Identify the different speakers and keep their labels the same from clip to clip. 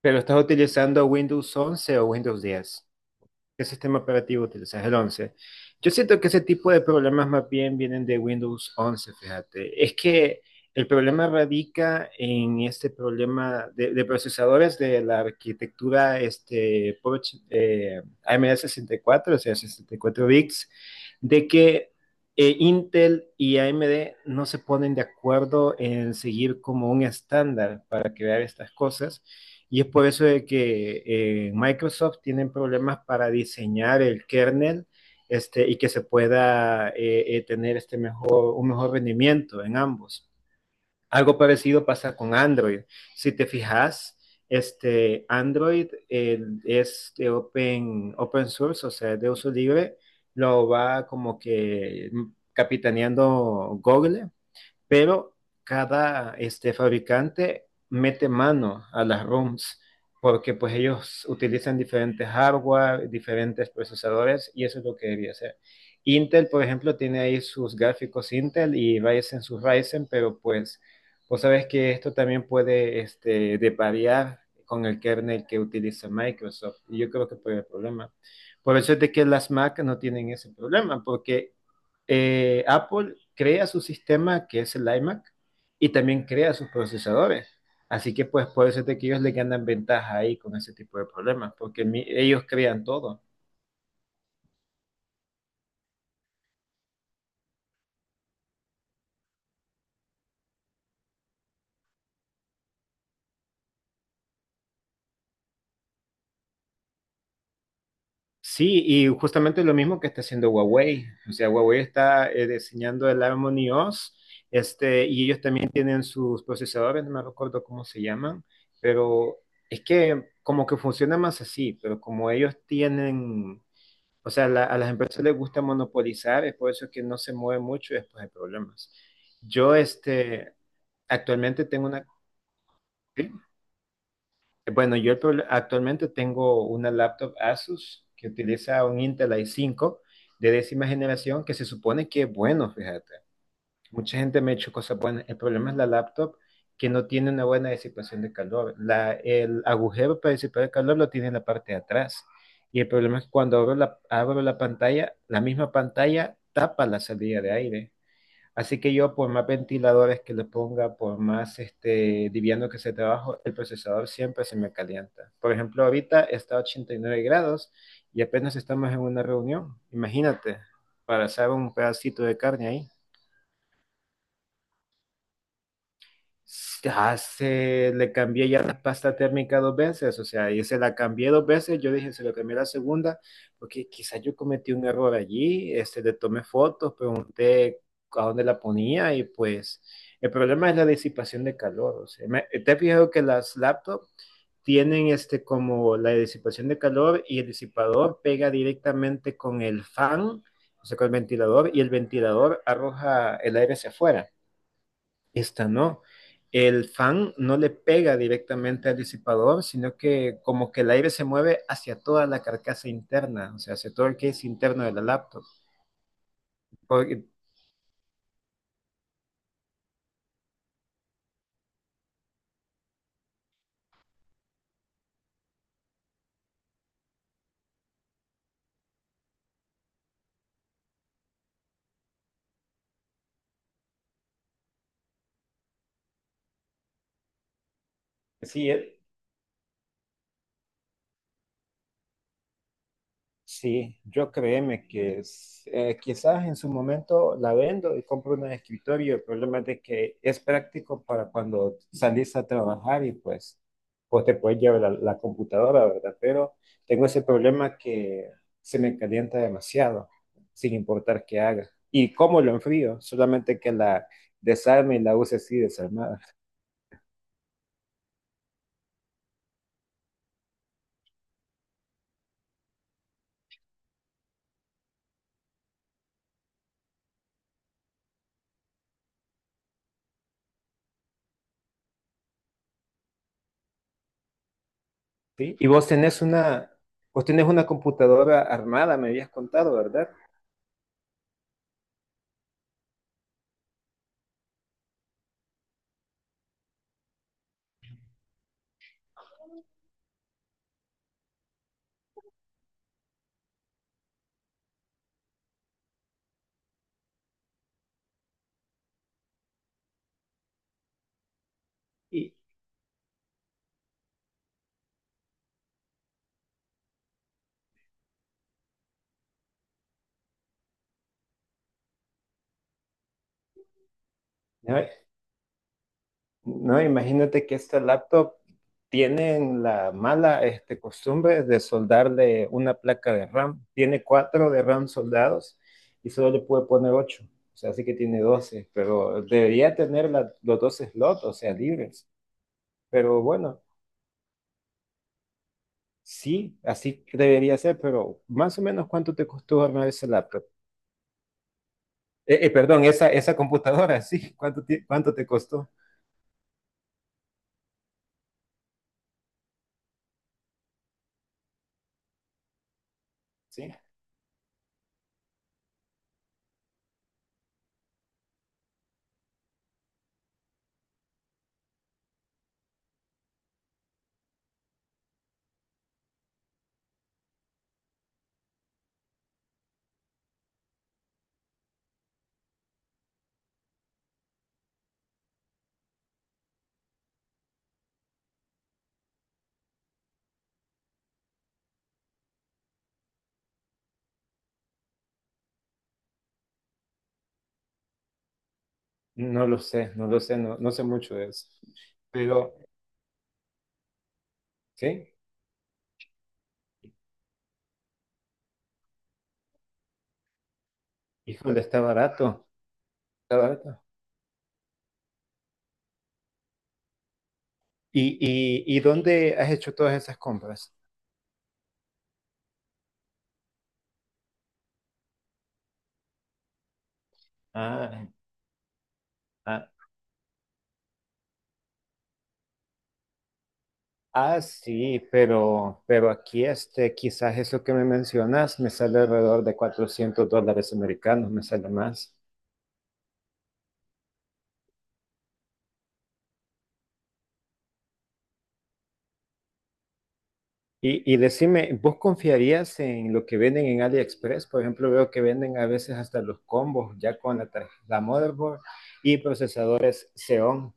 Speaker 1: ¿Pero estás utilizando Windows 11 o Windows 10? ¿Qué sistema operativo utilizas? ¿El 11? Yo siento que ese tipo de problemas más bien vienen de Windows 11, fíjate. Es que el problema radica en este problema de procesadores de la arquitectura este, AMD 64, o sea, 64 bits, de que Intel y AMD no se ponen de acuerdo en seguir como un estándar para crear estas cosas. Y es por eso de que Microsoft tienen problemas para diseñar el kernel este, y que se pueda tener un mejor rendimiento en ambos. Algo parecido pasa con Android. Si te fijas, este, Android es de open source, o sea, de uso libre, lo va como que capitaneando Google, pero cada este, fabricante mete mano a las ROMs porque pues ellos utilizan diferentes hardware, diferentes procesadores y eso es lo que debería hacer. Intel, por ejemplo, tiene ahí sus gráficos Intel y Ryzen sus Ryzen, pero pues vos sabes que esto también puede este, deparear con el kernel que utiliza Microsoft. Y yo creo que fue el problema. Por eso es de que las Mac no tienen ese problema, porque Apple crea su sistema que es el iMac y también crea sus procesadores. Así que pues puede ser de que ellos le ganan ventaja ahí con ese tipo de problemas, porque ellos crean todo. Sí, y justamente lo mismo que está haciendo Huawei. O sea, Huawei está diseñando el Harmony OS, este, y ellos también tienen sus procesadores, no me recuerdo cómo se llaman, pero es que como que funciona más así, pero como ellos tienen, o sea, a las empresas les gusta monopolizar, es por eso que no se mueve mucho y después hay problemas. Yo, este, actualmente tengo una, ¿sí? Bueno, yo actualmente tengo una laptop Asus que utiliza un Intel i5 de décima generación que se supone que es bueno, fíjate. Mucha gente me ha hecho cosas buenas. El problema es la laptop que no tiene una buena disipación de calor. La, el agujero para disipar el calor lo tiene en la parte de atrás. Y el problema es que cuando abro la pantalla, la misma pantalla tapa la salida de aire. Así que yo, por más ventiladores que le ponga, por más este, liviano que sea trabajo, el procesador siempre se me calienta. Por ejemplo, ahorita está a 89 grados y apenas estamos en una reunión. Imagínate, para asar un pedacito de carne ahí. Ya se le cambié ya la pasta térmica dos veces, o sea, yo se la cambié dos veces, yo dije, se lo cambié la segunda, porque quizás yo cometí un error allí, este, le tomé fotos, pregunté a dónde la ponía y pues el problema es la disipación de calor, o sea, te he fijado que las laptops tienen este como la disipación de calor y el disipador pega directamente con el fan, o sea, con el ventilador y el ventilador arroja el aire hacia afuera. Esta no. El fan no le pega directamente al disipador, sino que como que el aire se mueve hacia toda la carcasa interna, o sea, hacia todo el que es interno de la laptop. Porque, sí, sí, yo créeme que quizás en su momento la vendo y compro una de escritorio. El problema es de que es práctico para cuando salís a trabajar y pues te puedes llevar la, la computadora, ¿verdad? Pero tengo ese problema que se me calienta demasiado, sin importar qué haga. ¿Y cómo lo enfrío? Solamente que la desarme y la use así desarmada. ¿Sí? Y vos tenés una computadora armada, me habías contado, ¿verdad? Y, ¿no? No, imagínate que este laptop tienen la mala este, costumbre de soldarle una placa de RAM. Tiene cuatro de RAM soldados y solo le puede poner ocho. O sea, así que tiene 12, pero debería tener los dos slots, o sea, libres. Pero bueno, sí, así que debería ser, pero ¿más o menos cuánto te costó armar ese laptop? Perdón, esa computadora, sí, ¿cuánto te costó? Sí. No lo sé, no lo sé, no, no sé mucho de eso. Pero, ¿sí? Híjole, está barato, está barato. ¿Y, y dónde has hecho todas esas compras? Ah, ah, ah, sí, pero, aquí este, quizás eso que me mencionas me sale alrededor de $400 americanos, me sale más. y decime, ¿vos confiarías en lo que venden en AliExpress? Por ejemplo, veo que venden a veces hasta los combos ya con la motherboard y procesadores Xeon.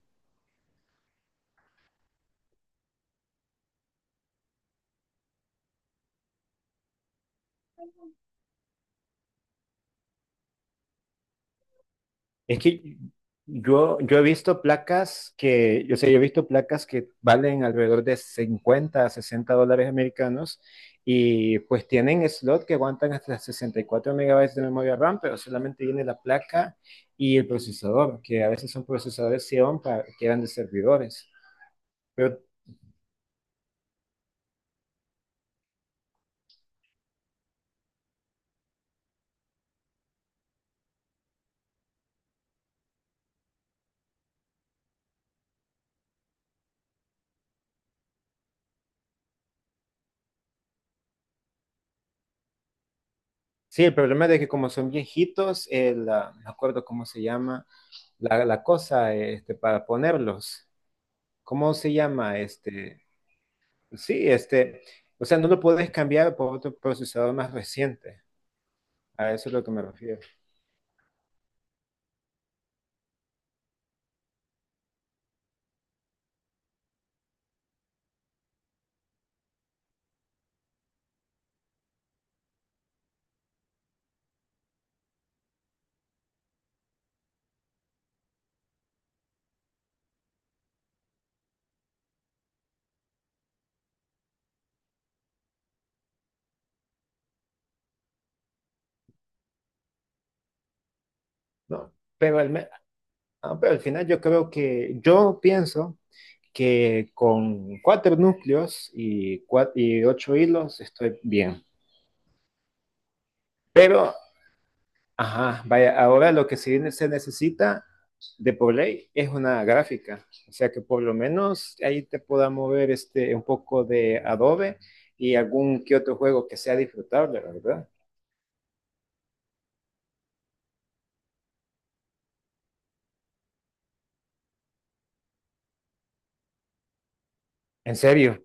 Speaker 1: Es que yo he visto placas que, yo sé, yo he visto placas que valen alrededor de $50 a $60 americanos y pues tienen slot que aguantan hasta 64 megabytes de memoria RAM, pero solamente viene la placa y el procesador, que a veces son procesadores Xeon para, que eran de servidores. Pero sí, el problema es de que como son viejitos, ah, no me acuerdo cómo se llama la cosa este, para ponerlos. ¿Cómo se llama este? Sí, este, o sea, no lo puedes cambiar por otro procesador más reciente. A eso es lo que me refiero. No, pero ah, pero al final yo creo que, yo pienso que con cuatro núcleos y, y ocho hilos estoy bien. Pero, ajá, vaya, ahora lo que sí se necesita de por ley es una gráfica. O sea que por lo menos ahí te pueda mover este, un poco de Adobe y algún que otro juego que sea disfrutable, ¿verdad? En serio.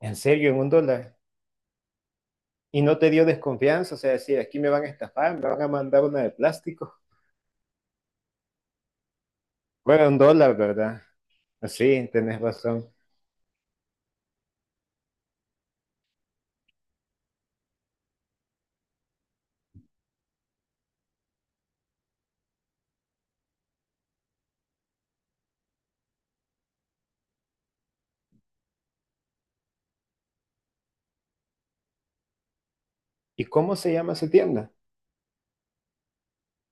Speaker 1: En serio, en $1. Y no te dio desconfianza, o sea, decir, aquí me van a estafar, me van a mandar una de plástico. Bueno, $1, ¿verdad? Sí, tenés razón. ¿Y cómo se llama esa tienda?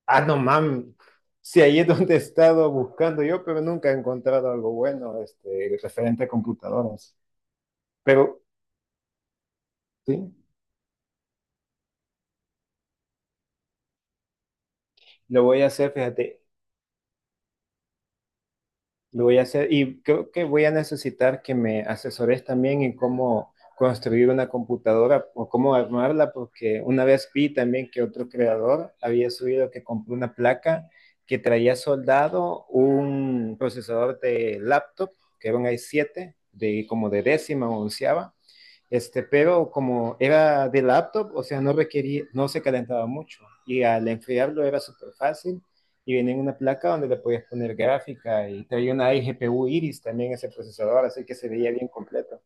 Speaker 1: Ah, no, mam. Sí, ahí es donde he estado buscando yo, pero nunca he encontrado algo bueno, este, referente a computadoras. Pero, sí, lo voy a hacer, fíjate. Lo voy a hacer y creo que voy a necesitar que me asesores también en cómo construir una computadora o cómo armarla, porque una vez vi también que otro creador había subido que compró una placa que traía soldado un procesador de laptop, que era un i7, de como de décima o onceava, este, pero como era de laptop, o sea, no requería, no se calentaba mucho y al enfriarlo era súper fácil y venía en una placa donde le podías poner gráfica y traía una iGPU Iris también ese procesador, así que se veía bien completo.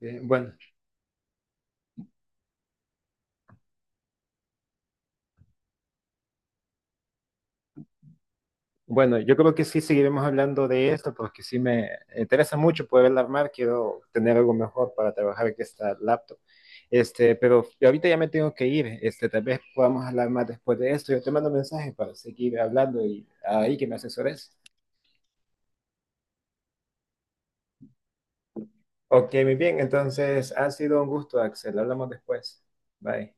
Speaker 1: Bueno, bueno, yo creo que sí seguiremos hablando de esto porque sí me interesa mucho poder armar, quiero tener algo mejor para trabajar que esta laptop. Este, pero ahorita ya me tengo que ir, este, tal vez podamos hablar más después de esto. Yo te mando mensaje para seguir hablando y ahí que me asesores. Ok, muy bien, entonces ha sido un gusto, Axel, hablamos después. Bye.